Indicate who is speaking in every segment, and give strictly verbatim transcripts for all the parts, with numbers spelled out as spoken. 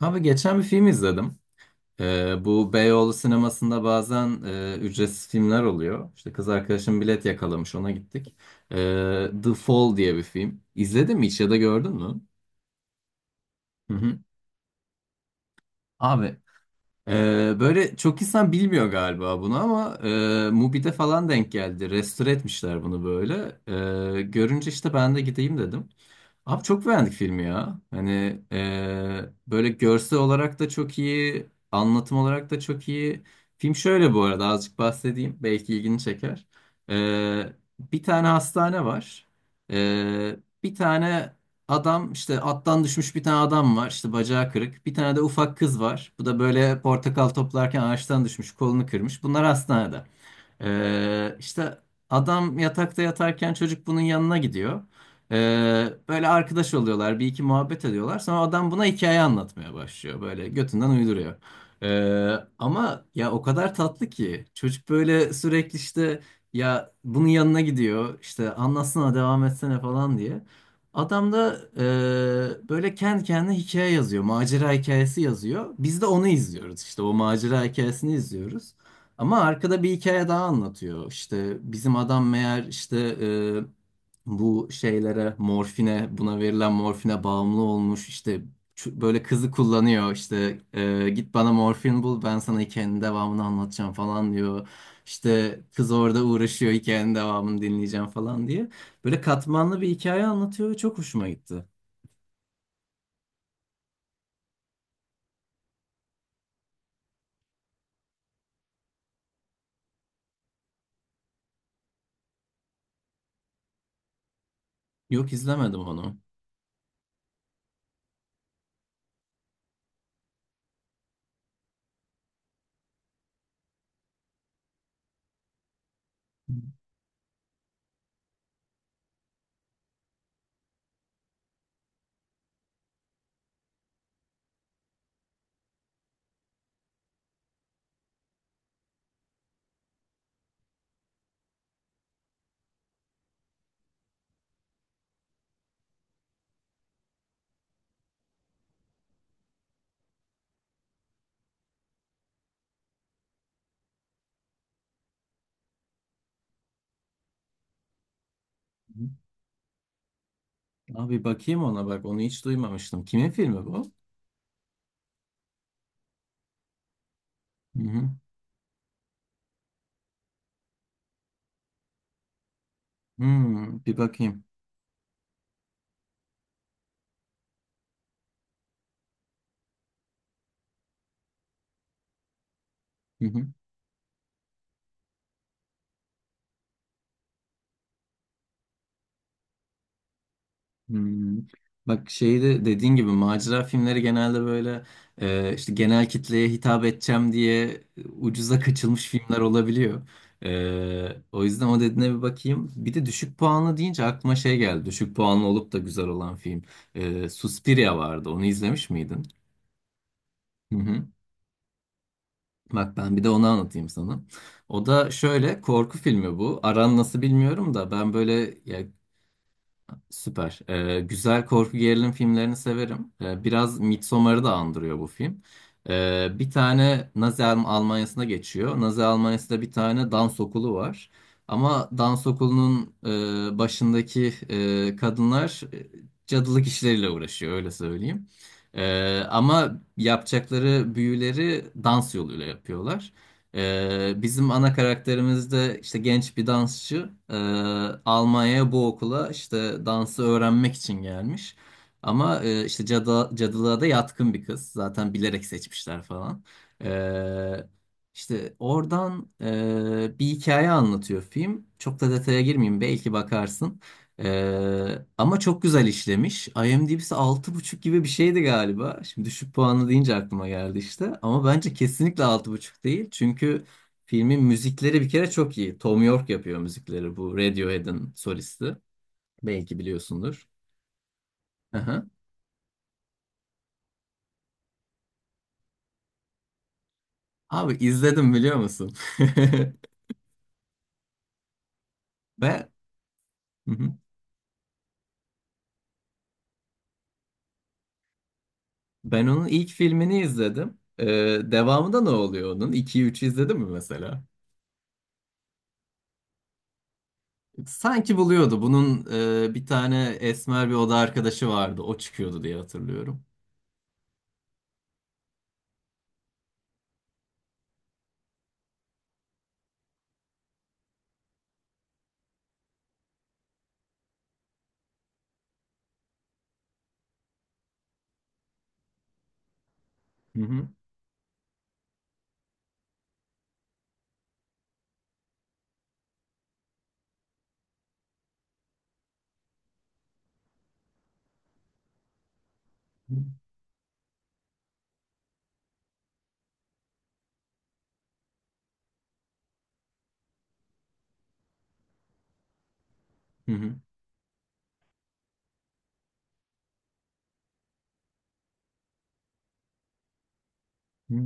Speaker 1: Abi geçen bir film izledim. Ee, bu Beyoğlu sinemasında bazen e, ücretsiz filmler oluyor. İşte kız arkadaşım bilet yakalamış, ona gittik. Ee, The Fall diye bir film. İzledin mi hiç ya da gördün mü? Hı hı. Abi e, böyle çok insan bilmiyor galiba bunu ama e, Mubi'de falan denk geldi. Restore etmişler bunu böyle. E, görünce işte ben de gideyim dedim. Abi çok beğendik filmi ya. Hani eee, böyle görsel olarak da çok iyi, anlatım olarak da çok iyi. Film şöyle bu arada azıcık bahsedeyim. Belki ilgini çeker. Eee, Bir tane hastane var. Eee, Bir tane adam işte attan düşmüş bir tane adam var. İşte bacağı kırık. Bir tane de ufak kız var. Bu da böyle portakal toplarken ağaçtan düşmüş, kolunu kırmış. Bunlar hastanede. Eee işte adam yatakta yatarken çocuk bunun yanına gidiyor. Ee, böyle arkadaş oluyorlar, bir iki muhabbet ediyorlar. Sonra adam buna hikaye anlatmaya başlıyor. Böyle götünden uyduruyor. Ee, Ama ya o kadar tatlı ki çocuk böyle sürekli işte ya bunun yanına gidiyor. İşte anlatsana devam etsene falan diye. Adam da e, böyle kendi kendine hikaye yazıyor. Macera hikayesi yazıyor. Biz de onu izliyoruz. İşte o macera hikayesini izliyoruz. Ama arkada bir hikaye daha anlatıyor. İşte bizim adam meğer işte e, bu şeylere morfine buna verilen morfine bağımlı olmuş işte ç- böyle kızı kullanıyor işte e, git bana morfin bul, ben sana hikayenin devamını anlatacağım falan diyor. İşte kız orada uğraşıyor hikayenin devamını dinleyeceğim falan diye. Böyle katmanlı bir hikaye anlatıyor ve çok hoşuma gitti. Yok, izlemedim onu. Hı hı. Abi bakayım ona, bak onu hiç duymamıştım. Kimin filmi bu? Hı hı. Hmm, bir bakayım. Hı hı. Hmm. Bak şeyi de dediğin gibi macera filmleri genelde böyle e, işte genel kitleye hitap edeceğim diye e, ucuza kaçılmış filmler olabiliyor. E, o yüzden o dediğine bir bakayım. Bir de düşük puanlı deyince aklıma şey geldi. Düşük puanlı olup da güzel olan film. E, Suspiria vardı. Onu izlemiş miydin? Hı hı. Bak ben bir de onu anlatayım sana. O da şöyle korku filmi bu. Aran nasıl bilmiyorum da ben böyle ya. Süper. Ee, güzel korku gerilim filmlerini severim. Ee, biraz Midsommar'ı da andırıyor bu film. Ee, bir tane Nazi Alm- Almanya'sına geçiyor. Nazi Almanya'sında bir tane dans okulu var. Ama dans okulunun e, başındaki e, kadınlar e, cadılık işleriyle uğraşıyor, öyle söyleyeyim. Ee, ama yapacakları büyüleri dans yoluyla yapıyorlar. Ee, bizim ana karakterimiz de işte genç bir dansçı. Ee, Almanya'ya bu okula işte dansı öğrenmek için gelmiş. Ama e, işte cadı, cadılığa da yatkın bir kız. Zaten bilerek seçmişler falan. Ee, işte oradan e, bir hikaye anlatıyor film. Çok da detaya girmeyeyim, belki bakarsın. Ee, ama çok güzel işlemiş. IMDb'si altı buçuk gibi bir şeydi galiba. Şimdi düşük puanlı deyince aklıma geldi işte. Ama bence kesinlikle altı buçuk değil. Çünkü filmin müzikleri bir kere çok iyi. Tom York yapıyor müzikleri, bu Radiohead'in solisti. Belki biliyorsundur. Aha. Abi izledim, biliyor musun? Ben Hı hı. ben onun ilk filmini izledim. Ee, devamında ne oluyor onun? ikiyi üçü izledin mi mesela? Sanki buluyordu. Bunun e, bir tane esmer bir oda arkadaşı vardı. O çıkıyordu diye hatırlıyorum. Hı hı. Hı hı. Hı.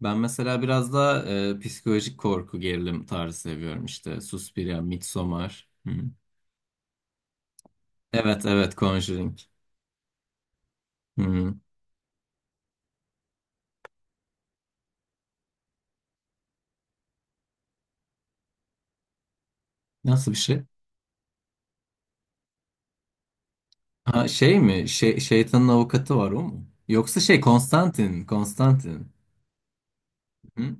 Speaker 1: Ben mesela biraz daha e, psikolojik korku gerilim tarzı seviyorum işte. Suspiria, Midsommar. Hı. hı. Evet evet, Conjuring. Hı. hı. Nasıl bir şey? Ha, şey mi? Şey, şeytanın avukatı var, o mu? Yoksa şey, Konstantin, Konstantin. Hı?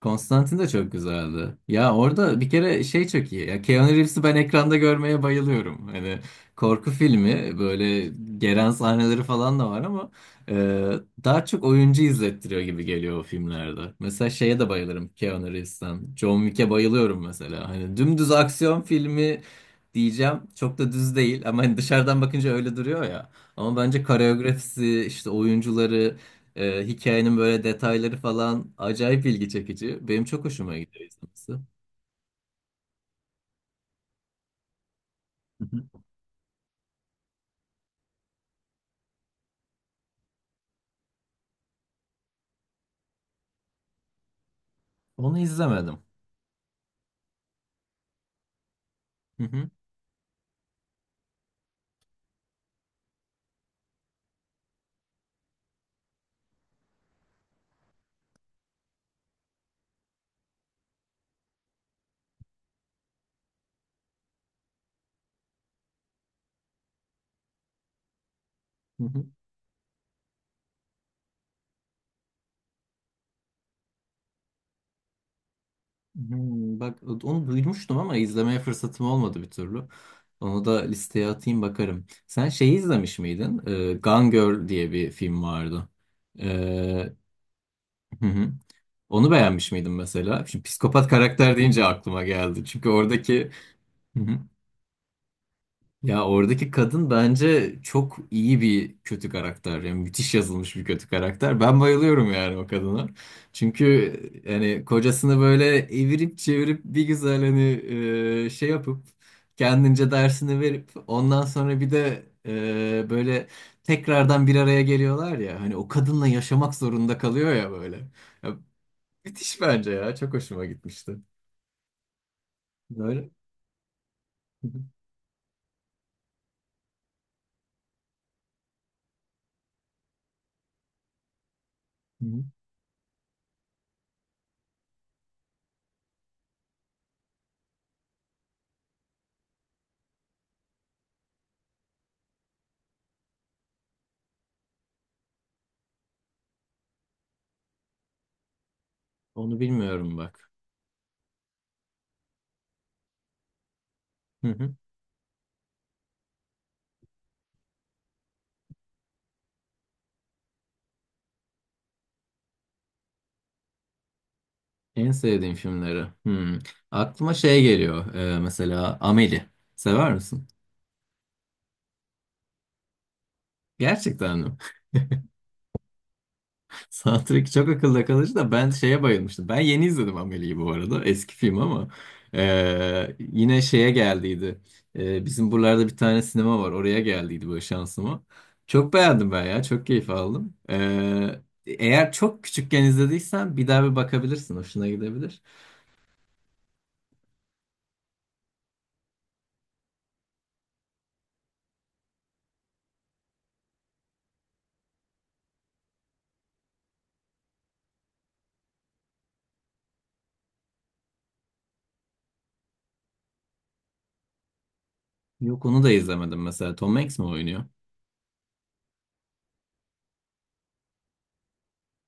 Speaker 1: Konstantin de çok güzeldi. Ya orada bir kere şey çok iyi. Ya Keanu Reeves'i ben ekranda görmeye bayılıyorum. Hani korku filmi böyle geren sahneleri falan da var ama e, daha çok oyuncu izlettiriyor gibi geliyor o filmlerde. Mesela şeye de bayılırım Keanu Reeves'ten. John Wick'e bayılıyorum mesela. Hani dümdüz aksiyon filmi diyeceğim. Çok da düz değil ama hani dışarıdan bakınca öyle duruyor ya. Ama bence koreografisi, işte oyuncuları, ee, hikayenin böyle detayları falan acayip ilgi çekici. Benim çok hoşuma gidiyor izlemesi. Hı hı. Onu izlemedim. Hı hı, hı hı. Hmm, bak onu duymuştum ama izlemeye fırsatım olmadı bir türlü. Onu da listeye atayım, bakarım. Sen şeyi izlemiş miydin? Ee, Gone Girl diye bir film vardı. Ee, hı hı. Onu beğenmiş miydin mesela? Şimdi psikopat karakter deyince aklıma geldi. Çünkü oradaki ya oradaki kadın bence çok iyi bir kötü karakter. Yani müthiş yazılmış bir kötü karakter. Ben bayılıyorum yani o kadına. Çünkü yani kocasını böyle evirip çevirip bir güzel hani e, şey yapıp kendince dersini verip ondan sonra bir de e, böyle tekrardan bir araya geliyorlar ya. Hani o kadınla yaşamak zorunda kalıyor ya böyle. Ya, müthiş bence ya. Çok hoşuma gitmişti. Böyle. Hı hı. Hı hı. Onu bilmiyorum bak. En sevdiğim filmleri. Hmm. Aklıma şey geliyor. E, mesela Amelie. Sever misin? Gerçekten mi? Soundtrack çok akılda kalıcı da ben şeye bayılmıştım. Ben yeni izledim Amelie'yi bu arada. Eski film ama. E, yine şeye geldiydi. E, bizim buralarda bir tane sinema var. Oraya geldiydi böyle şansıma. Çok beğendim ben ya. Çok keyif aldım. E, eğer çok küçükken izlediysen bir daha bir bakabilirsin. Hoşuna gidebilir. Yok, onu da izlemedim mesela. Tom Hanks mi oynuyor?